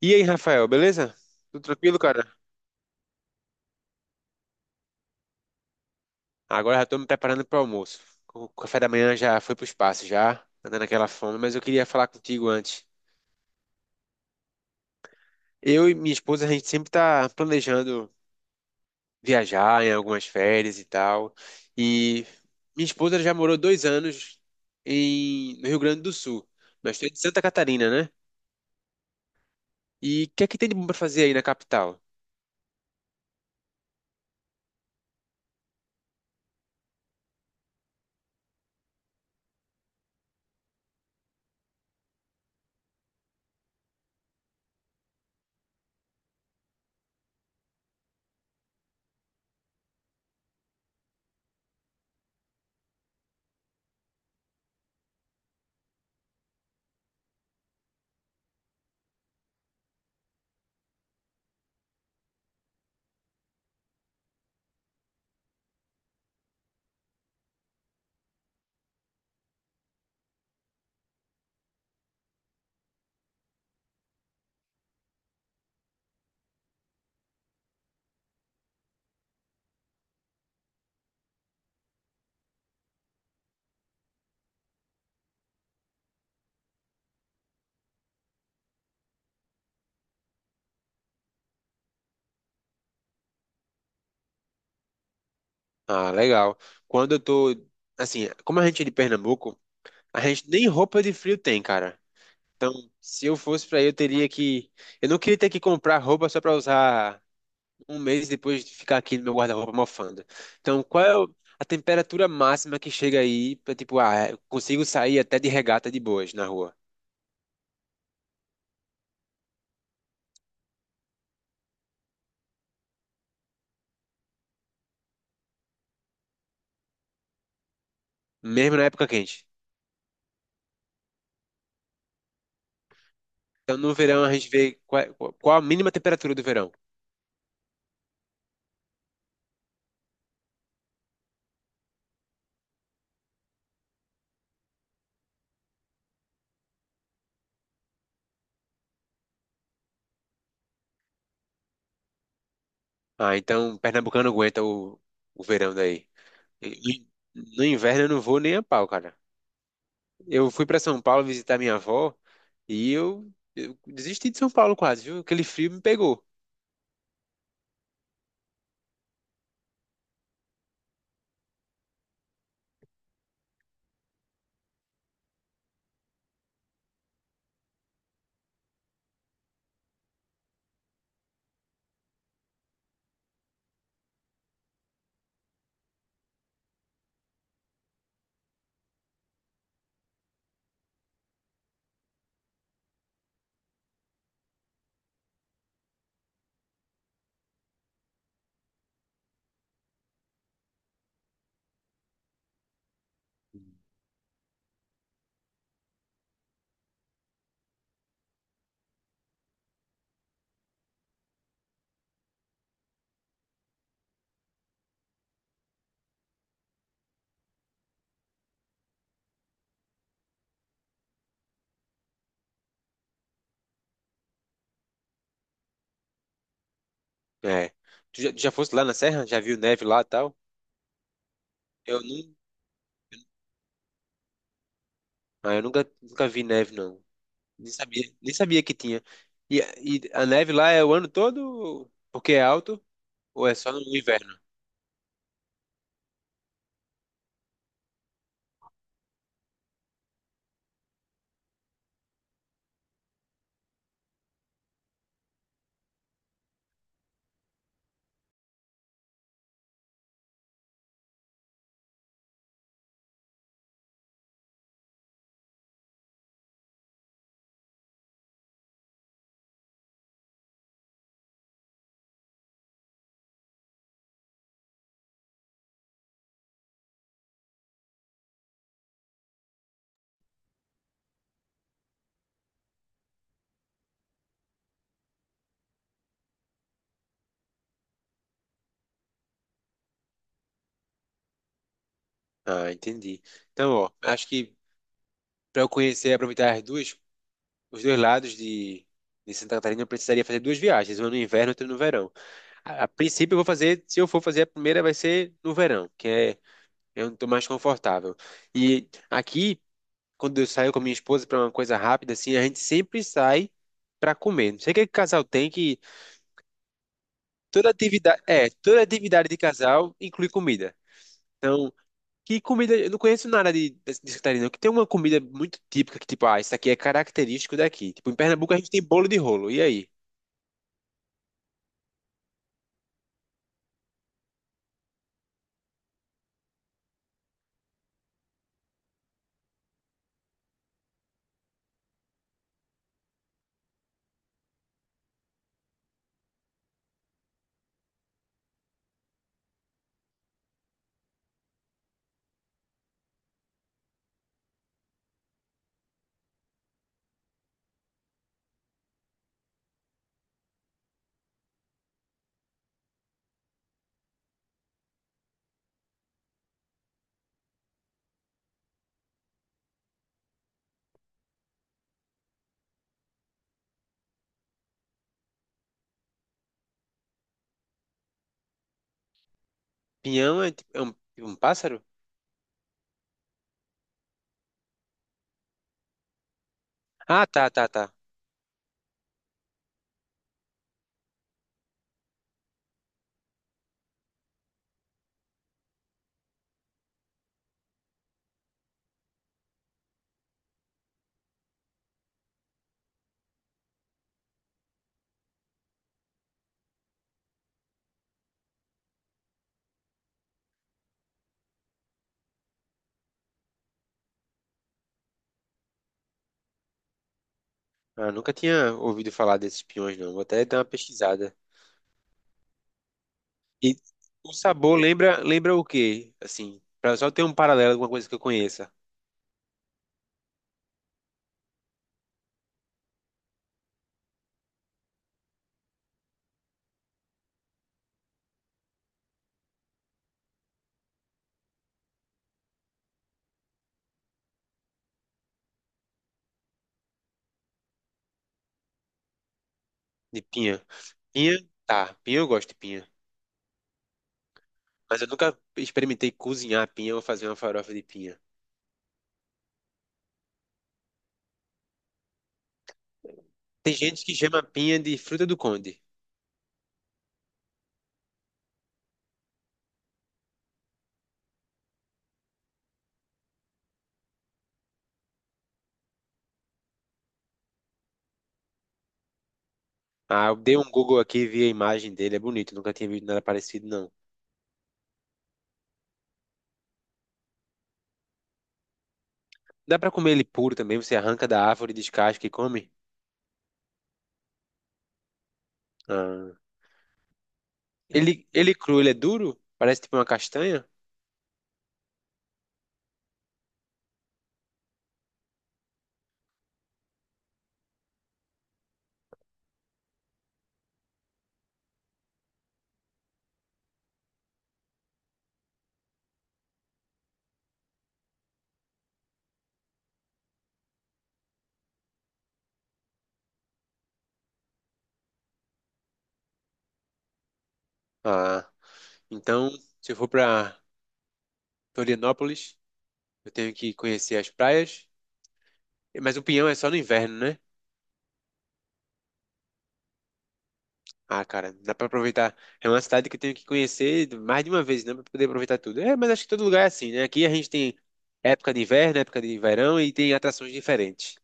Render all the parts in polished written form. E aí, Rafael, beleza? Tudo tranquilo, cara? Agora já tô me preparando pro almoço. O café da manhã já foi pro espaço, já, andando aquela fome, mas eu queria falar contigo antes. Eu e minha esposa, a gente sempre tá planejando viajar em algumas férias e tal. E minha esposa já morou 2 anos no Rio Grande do Sul. Nós estamos de Santa Catarina, né? E o que é que tem de bom pra fazer aí na capital? Ah, legal. Quando eu tô. Assim, como a gente é de Pernambuco, a gente nem roupa de frio tem, cara. Então, se eu fosse pra aí, eu teria que. Eu não queria ter que comprar roupa só pra usar um mês e depois ficar aqui no meu guarda-roupa mofando. Então, qual é a temperatura máxima que chega aí pra, tipo, ah, eu consigo sair até de regata de boas na rua, mesmo na época quente. Então, no verão, a gente vê qual, qual a mínima temperatura do verão. Ah, então, pernambucano aguenta o verão daí. E no inverno, eu não vou nem a pau, cara. Eu fui pra São Paulo visitar minha avó. E eu desisti de São Paulo quase, viu? Aquele frio me pegou. É. Tu já, fosse lá na Serra? Já viu neve lá e tal? Eu não. Ah, eu nunca vi neve, não. Nem sabia que tinha. E a neve lá é o ano todo porque é alto ou é só no inverno? Ah, entendi. Então, ó, acho que para eu conhecer e aproveitar as duas, os dois lados de Santa Catarina, eu precisaria fazer duas viagens, uma no inverno e outra no verão. A princípio, eu vou fazer, se eu for fazer a primeira, vai ser no verão, que é Eu não tô mais confortável. E aqui, quando eu saio com a minha esposa para uma coisa rápida, assim, a gente sempre sai para comer. Não sei o que que casal tem que toda atividade, é, toda atividade de casal inclui comida. Então, que comida, eu não conheço nada de Catarina, não, que tem uma comida muito típica que tipo, ah, isso aqui é característico daqui. Tipo, em Pernambuco a gente tem bolo de rolo. E aí? Pinhão é, é um pássaro? Ah, tá, tá, tá. Ah, nunca tinha ouvido falar desses pinhões, não. Vou até dar uma pesquisada. E o sabor lembra o quê? Assim, pra só ter um paralelo com uma coisa que eu conheça, de pinha. Pinha, tá, pinha eu gosto de pinha. Mas eu nunca experimentei cozinhar pinha ou fazer uma farofa de pinha. Tem gente que chama pinha de fruta do conde. Ah, eu dei um Google aqui e vi a imagem dele, é bonito, nunca tinha visto nada parecido, não. Dá pra comer ele puro também, você arranca da árvore, descasca e come? Ah. Ele é cru, ele é duro? Parece tipo uma castanha? Ah, então, se eu for pra Florianópolis... Eu tenho que conhecer as praias. Mas o Pinhão é só no inverno, né? Ah, cara, dá pra aproveitar. É uma cidade que eu tenho que conhecer mais de uma vez, né? Pra poder aproveitar tudo. É, mas acho que todo lugar é assim, né? Aqui a gente tem época de inverno, época de verão e tem atrações diferentes.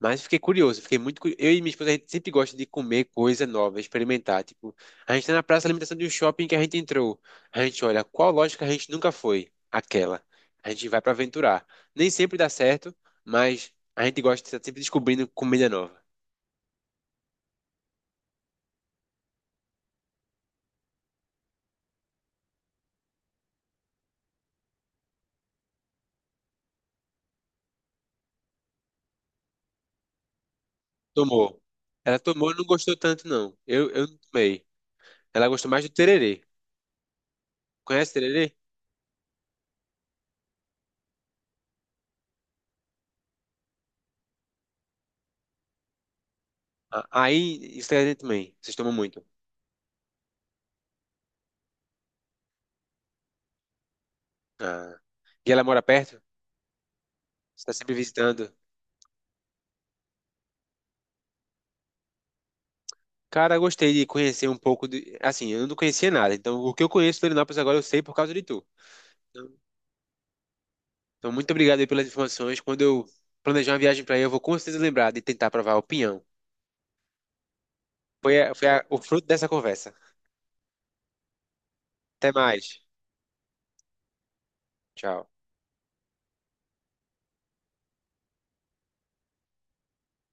Mas fiquei curioso, fiquei muito curioso. Eu e minha esposa, a gente sempre gosta de comer coisa nova, experimentar. Tipo, a gente tá na praça de alimentação de um shopping que a gente entrou. A gente olha, qual loja que a gente nunca foi? Aquela. A gente vai pra aventurar. Nem sempre dá certo, mas a gente gosta de estar sempre descobrindo comida nova. Tomou. Ela tomou e não gostou tanto, não. Eu não tomei. Ela gostou mais do tererê. Conhece tererê? Ah, aí, isso aí também. Vocês tomam muito. Ah. E ela mora perto? Você está sempre visitando? Cara, eu gostei de conhecer um pouco de... Assim, eu não conhecia nada. Então, o que eu conheço de Florianópolis agora, eu sei por causa de tu. Então, então, muito obrigado aí pelas informações. Quando eu planejar uma viagem para aí, eu vou com certeza lembrar de tentar provar o pinhão. Foi, o fruto dessa conversa. Até mais. Tchau.